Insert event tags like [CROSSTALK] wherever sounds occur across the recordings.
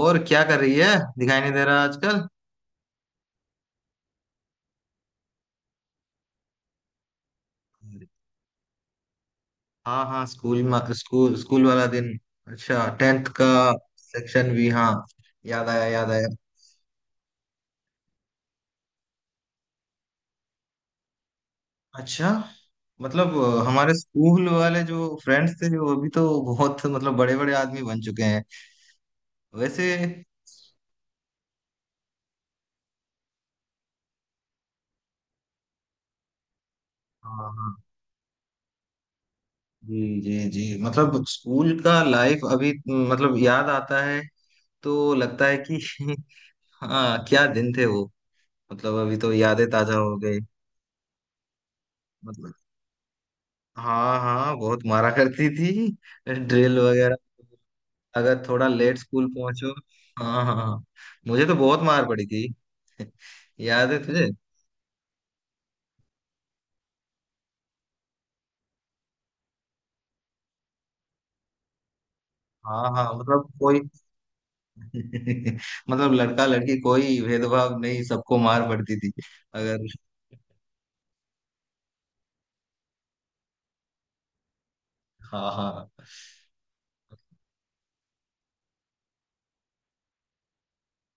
और क्या कर रही है? दिखाई नहीं दे रहा आजकल। अरे, हाँ हाँ, स्कूल में स्कूल स्कूल वाला दिन। अच्छा, टेंथ का सेक्शन भी, हाँ। याद आया याद आया। अच्छा, मतलब हमारे स्कूल वाले जो फ्रेंड्स थे वो अभी तो बहुत, मतलब बड़े बड़े आदमी बन चुके हैं वैसे। हाँ हाँ, जी जी जी। मतलब स्कूल का लाइफ अभी, मतलब याद आता है तो लगता है कि [LAUGHS] हाँ, क्या दिन थे वो। मतलब अभी तो यादें ताजा हो गई। मतलब हाँ हाँ, बहुत मारा करती थी, ड्रिल वगैरह। अगर थोड़ा लेट स्कूल पहुंचो, हाँ हाँ हाँ। मुझे तो बहुत मार पड़ी थी। [LAUGHS] याद है तुझे? हाँ हाँ, मतलब कोई [LAUGHS] मतलब लड़का लड़की कोई भेदभाव नहीं, सबको मार पड़ती थी। अगर, हाँ हाँ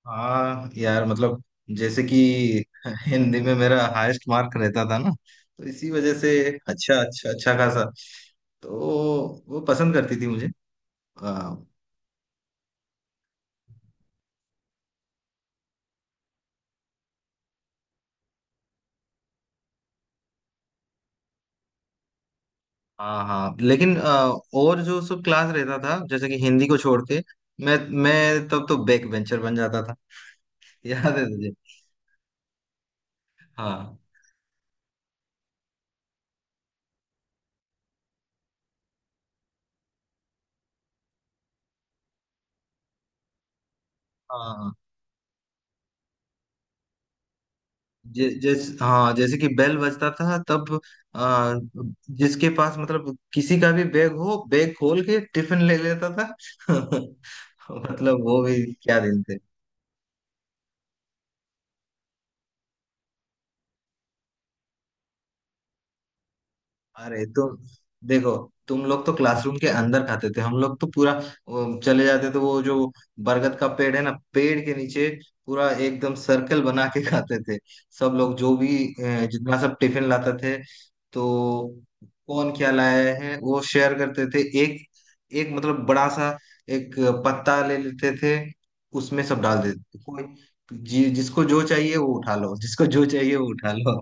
हाँ। यार मतलब जैसे कि हिंदी में मेरा हाईएस्ट मार्क रहता था ना, तो इसी वजह से। अच्छा अच्छा, अच्छा खासा, तो वो पसंद करती थी मुझे। हाँ, हाँ हाँ, लेकिन और जो सब क्लास रहता था जैसे कि हिंदी को छोड़ के, मैं मैं तब तो बैक बेंचर बन जाता था। [LAUGHS] याद है तुझे? हाँ हाँ। हाँ जैसे कि बेल बजता था, तब आ, जिसके पास, मतलब किसी का भी बैग हो बैग खोल के टिफिन ले लेता था। [LAUGHS] मतलब वो भी क्या दिन थे। अरे तुम देखो, तुम लोग तो क्लासरूम के अंदर खाते थे, हम लोग तो पूरा चले जाते थे, वो जो बरगद का पेड़ है ना, पेड़ के नीचे पूरा एकदम सर्कल बना के खाते थे। सब लोग जो भी जितना सब टिफिन लाते थे, तो कौन क्या लाया है वो शेयर करते थे। एक, एक मतलब बड़ा सा एक पत्ता ले लेते थे, उसमें सब डाल देते थे। कोई, जिसको जो चाहिए वो उठा लो, जिसको जो चाहिए वो उठा लो।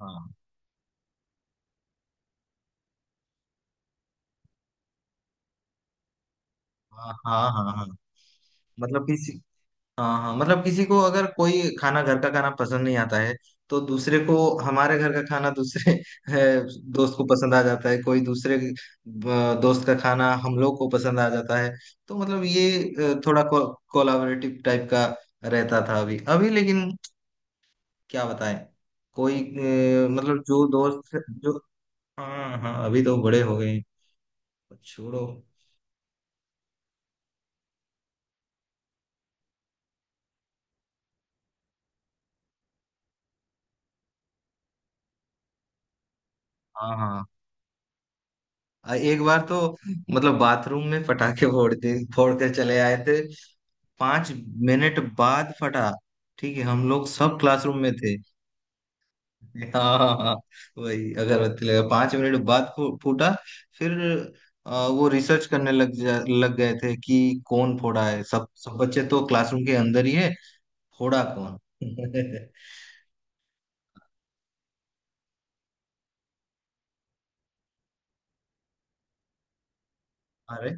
[LAUGHS] हाँ हाँ हाँ हाँ हाँ, मतलब किसी, हाँ हाँ, मतलब किसी को अगर कोई खाना घर का खाना पसंद नहीं आता है तो दूसरे को, हमारे घर का खाना दूसरे दोस्त को पसंद आ जाता है, कोई दूसरे दोस्त का खाना हम लोग को पसंद आ जाता है। तो मतलब ये थोड़ा कोलाबरेटिव टाइप का रहता था अभी अभी, लेकिन क्या बताएं। कोई मतलब जो दोस्त जो, हाँ हाँ अभी तो बड़े हो गए हैं, छोड़ो। हाँ हाँ एक बार तो [LAUGHS] मतलब बाथरूम में पटाखे फोड़ के फोड़ कर चले आए थे। 5 मिनट बाद फटा। ठीक है, हम लोग सब क्लासरूम में थे। [LAUGHS] हाँ हाँ हाँ, वही अगरबत्ती लगा, 5 मिनट बाद फूटा। फिर वो रिसर्च करने लग गए थे कि कौन फोड़ा है, सब सब बच्चे तो क्लासरूम के अंदर ही है, फोड़ा कौन। [LAUGHS] अरे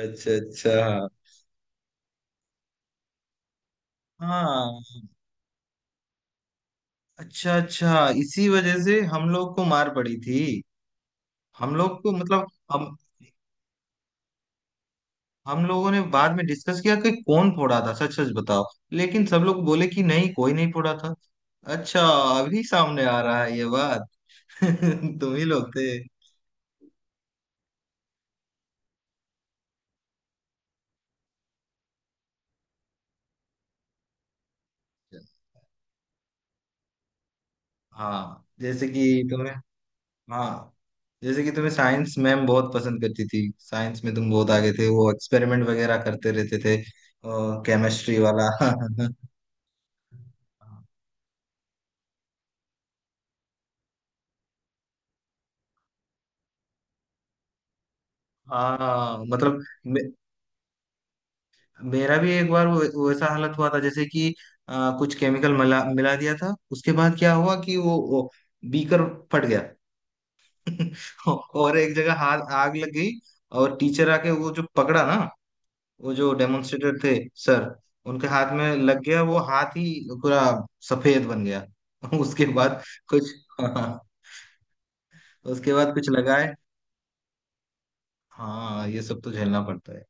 अच्छा अच्छा, हाँ हाँ, अच्छा अच्छा, इसी वजह से हम लोग को मार पड़ी थी। हम लोग को, मतलब हम लोगों ने बाद में डिस्कस किया कि कौन फोड़ा था, सच सच बताओ, लेकिन सब लोग बोले कि नहीं, कोई नहीं फोड़ा था। अच्छा, अभी सामने आ रहा है ये बात। [LAUGHS] तुम ही लोग थे। हाँ जैसे कि तुम्हें, हाँ जैसे कि तुम्हें साइंस मैम बहुत पसंद करती थी, साइंस में तुम बहुत आगे थे, वो एक्सपेरिमेंट वगैरह करते रहते थे। केमिस्ट्री वाला [LAUGHS] हाँ, मतलब मे- मेरा भी एक बार वो वैसा हालत हुआ था। जैसे कि अ, कुछ केमिकल मिला मिला दिया था, उसके बाद क्या हुआ कि वो बीकर फट गया। [LAUGHS] और एक जगह हाथ आग लग गई, और टीचर आके वो जो पकड़ा ना, वो जो डेमोन्स्ट्रेटर थे सर, उनके हाथ में लग गया वो, हाथ ही पूरा सफेद बन गया। [LAUGHS] उसके बाद कुछ [LAUGHS] उसके बाद कुछ लगाए। हाँ ये सब तो झेलना पड़ता है।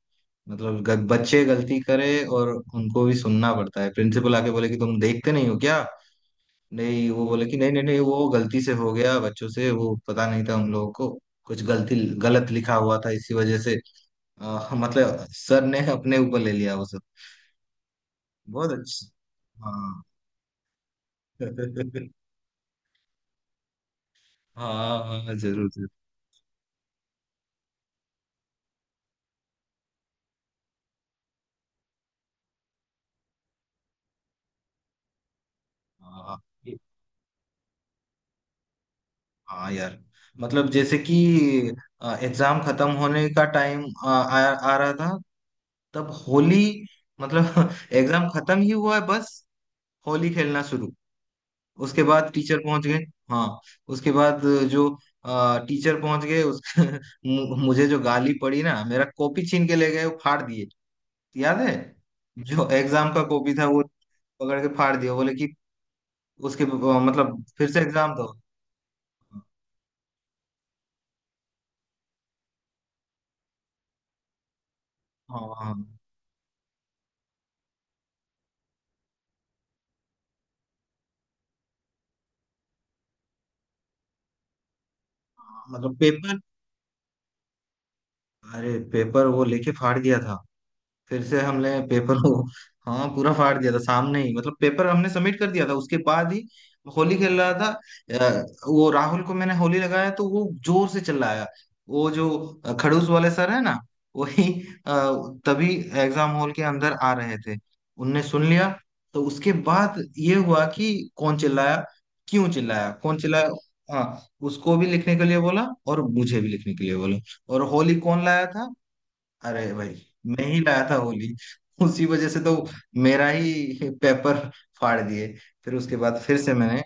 मतलब बच्चे गलती करे, और उनको भी सुनना पड़ता है। प्रिंसिपल आके बोले कि तुम देखते नहीं हो क्या? नहीं वो बोले कि नहीं नहीं नहीं, वो गलती से हो गया बच्चों से, वो पता नहीं था हम लोगों को, कुछ गलती गलत लिखा हुआ था इसी वजह से मतलब सर ने अपने ऊपर ले लिया वो सब। बहुत अच्छा। हाँ [LAUGHS] हाँ हाँ, जरूर जरूर। हाँ ये-, हाँ यार, मतलब जैसे कि एग्जाम खत्म होने का टाइम आ रहा था, तब होली, मतलब [LAUGHS] एग्जाम खत्म ही हुआ है बस, होली खेलना शुरू, उसके बाद टीचर पहुंच गए। हाँ उसके बाद जो टीचर पहुंच गए उस [LAUGHS] मुझे जो गाली पड़ी ना, मेरा कॉपी छीन के ले गए, वो फाड़ दिए। याद है? जो एग्जाम का कॉपी था वो पकड़ के फाड़ दिया, बोले कि उसके मतलब फिर से एग्जाम दो। हाँ हाँ हाँ, मतलब पेपर, अरे पेपर वो लेके फाड़ दिया था, फिर से हमने पेपर को, हाँ पूरा फाड़ दिया था सामने ही। मतलब पेपर हमने सबमिट कर दिया था, उसके बाद ही होली खेल रहा था। वो राहुल को मैंने होली लगाया तो वो जोर से चिल्लाया। वो जो खड़ूस वाले सर है ना, वही अ, तभी एग्जाम हॉल के अंदर आ रहे थे, उनने सुन लिया। तो उसके बाद ये हुआ कि कौन चिल्लाया, क्यों चिल्लाया, कौन चिल्लाया। हाँ उसको भी लिखने के लिए बोला और मुझे भी लिखने के लिए बोला, और होली कौन लाया था। अरे भाई मैं ही लाया था होली, उसी वजह से तो मेरा ही पेपर फाड़ दिए। फिर उसके बाद फिर से मैंने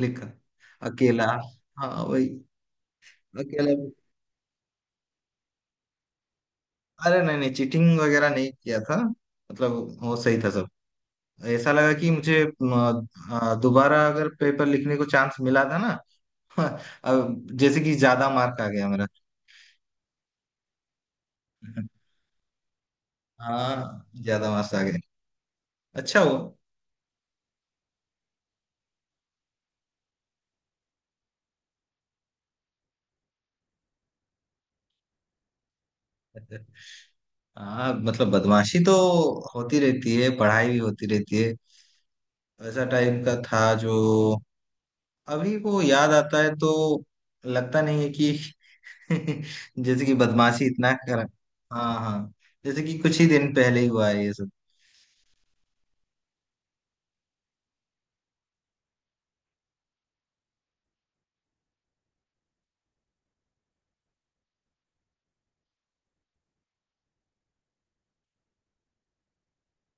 लिखा, अकेला। हाँ वही, अकेला। अरे नहीं नहीं चीटिंग वगैरह नहीं किया था, मतलब वो सही था सब। ऐसा लगा कि मुझे दोबारा अगर पेपर लिखने को चांस मिला था ना। [LAUGHS] अब जैसे कि ज्यादा मार्क आ गया मेरा। [LAUGHS] हाँ ज्यादा मार्क्स आ गए, अच्छा हुआ। [LAUGHS] हाँ मतलब बदमाशी तो होती रहती है, पढ़ाई भी होती रहती है। वैसा टाइप का था जो, अभी वो याद आता है तो लगता नहीं है कि [LAUGHS] जैसे कि बदमाशी इतना कर, हाँ हाँ जैसे कि कुछ ही दिन पहले ही हुआ है ये सब।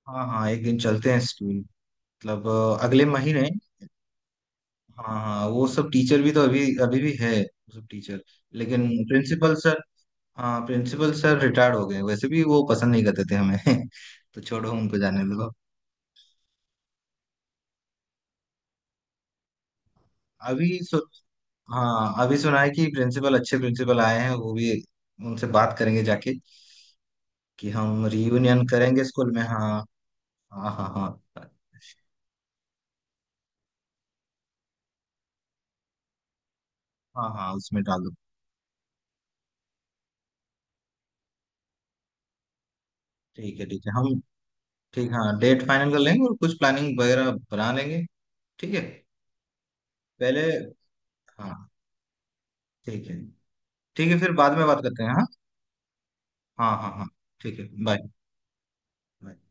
हाँ हाँ, एक दिन चलते हैं स्कूल, मतलब अगले महीने। हाँ हाँ, वो सब टीचर भी तो अभी अभी भी है, वो सब टीचर। लेकिन प्रिंसिपल सर, हाँ प्रिंसिपल सर रिटायर्ड हो गए, वैसे भी वो पसंद नहीं करते थे हमें। [LAUGHS] तो छोड़ो, उनको जाने दो। अभी सु, हाँ अभी सुना है कि प्रिंसिपल, अच्छे प्रिंसिपल आए हैं, वो भी, उनसे बात करेंगे जाके कि हम रियूनियन करेंगे स्कूल में, हाँ। हाँ हाँ हाँ हाँ हाँ उसमें डाल दो। ठीक है हम, ठीक हाँ, डेट फाइनल कर लेंगे और कुछ प्लानिंग वगैरह बना लेंगे। ठीक है। पहले, हाँ, ठीक है। ठीक है, फिर बाद में बात करते हैं। हाँ हाँ हाँ हाँ। ठीक है, बाय।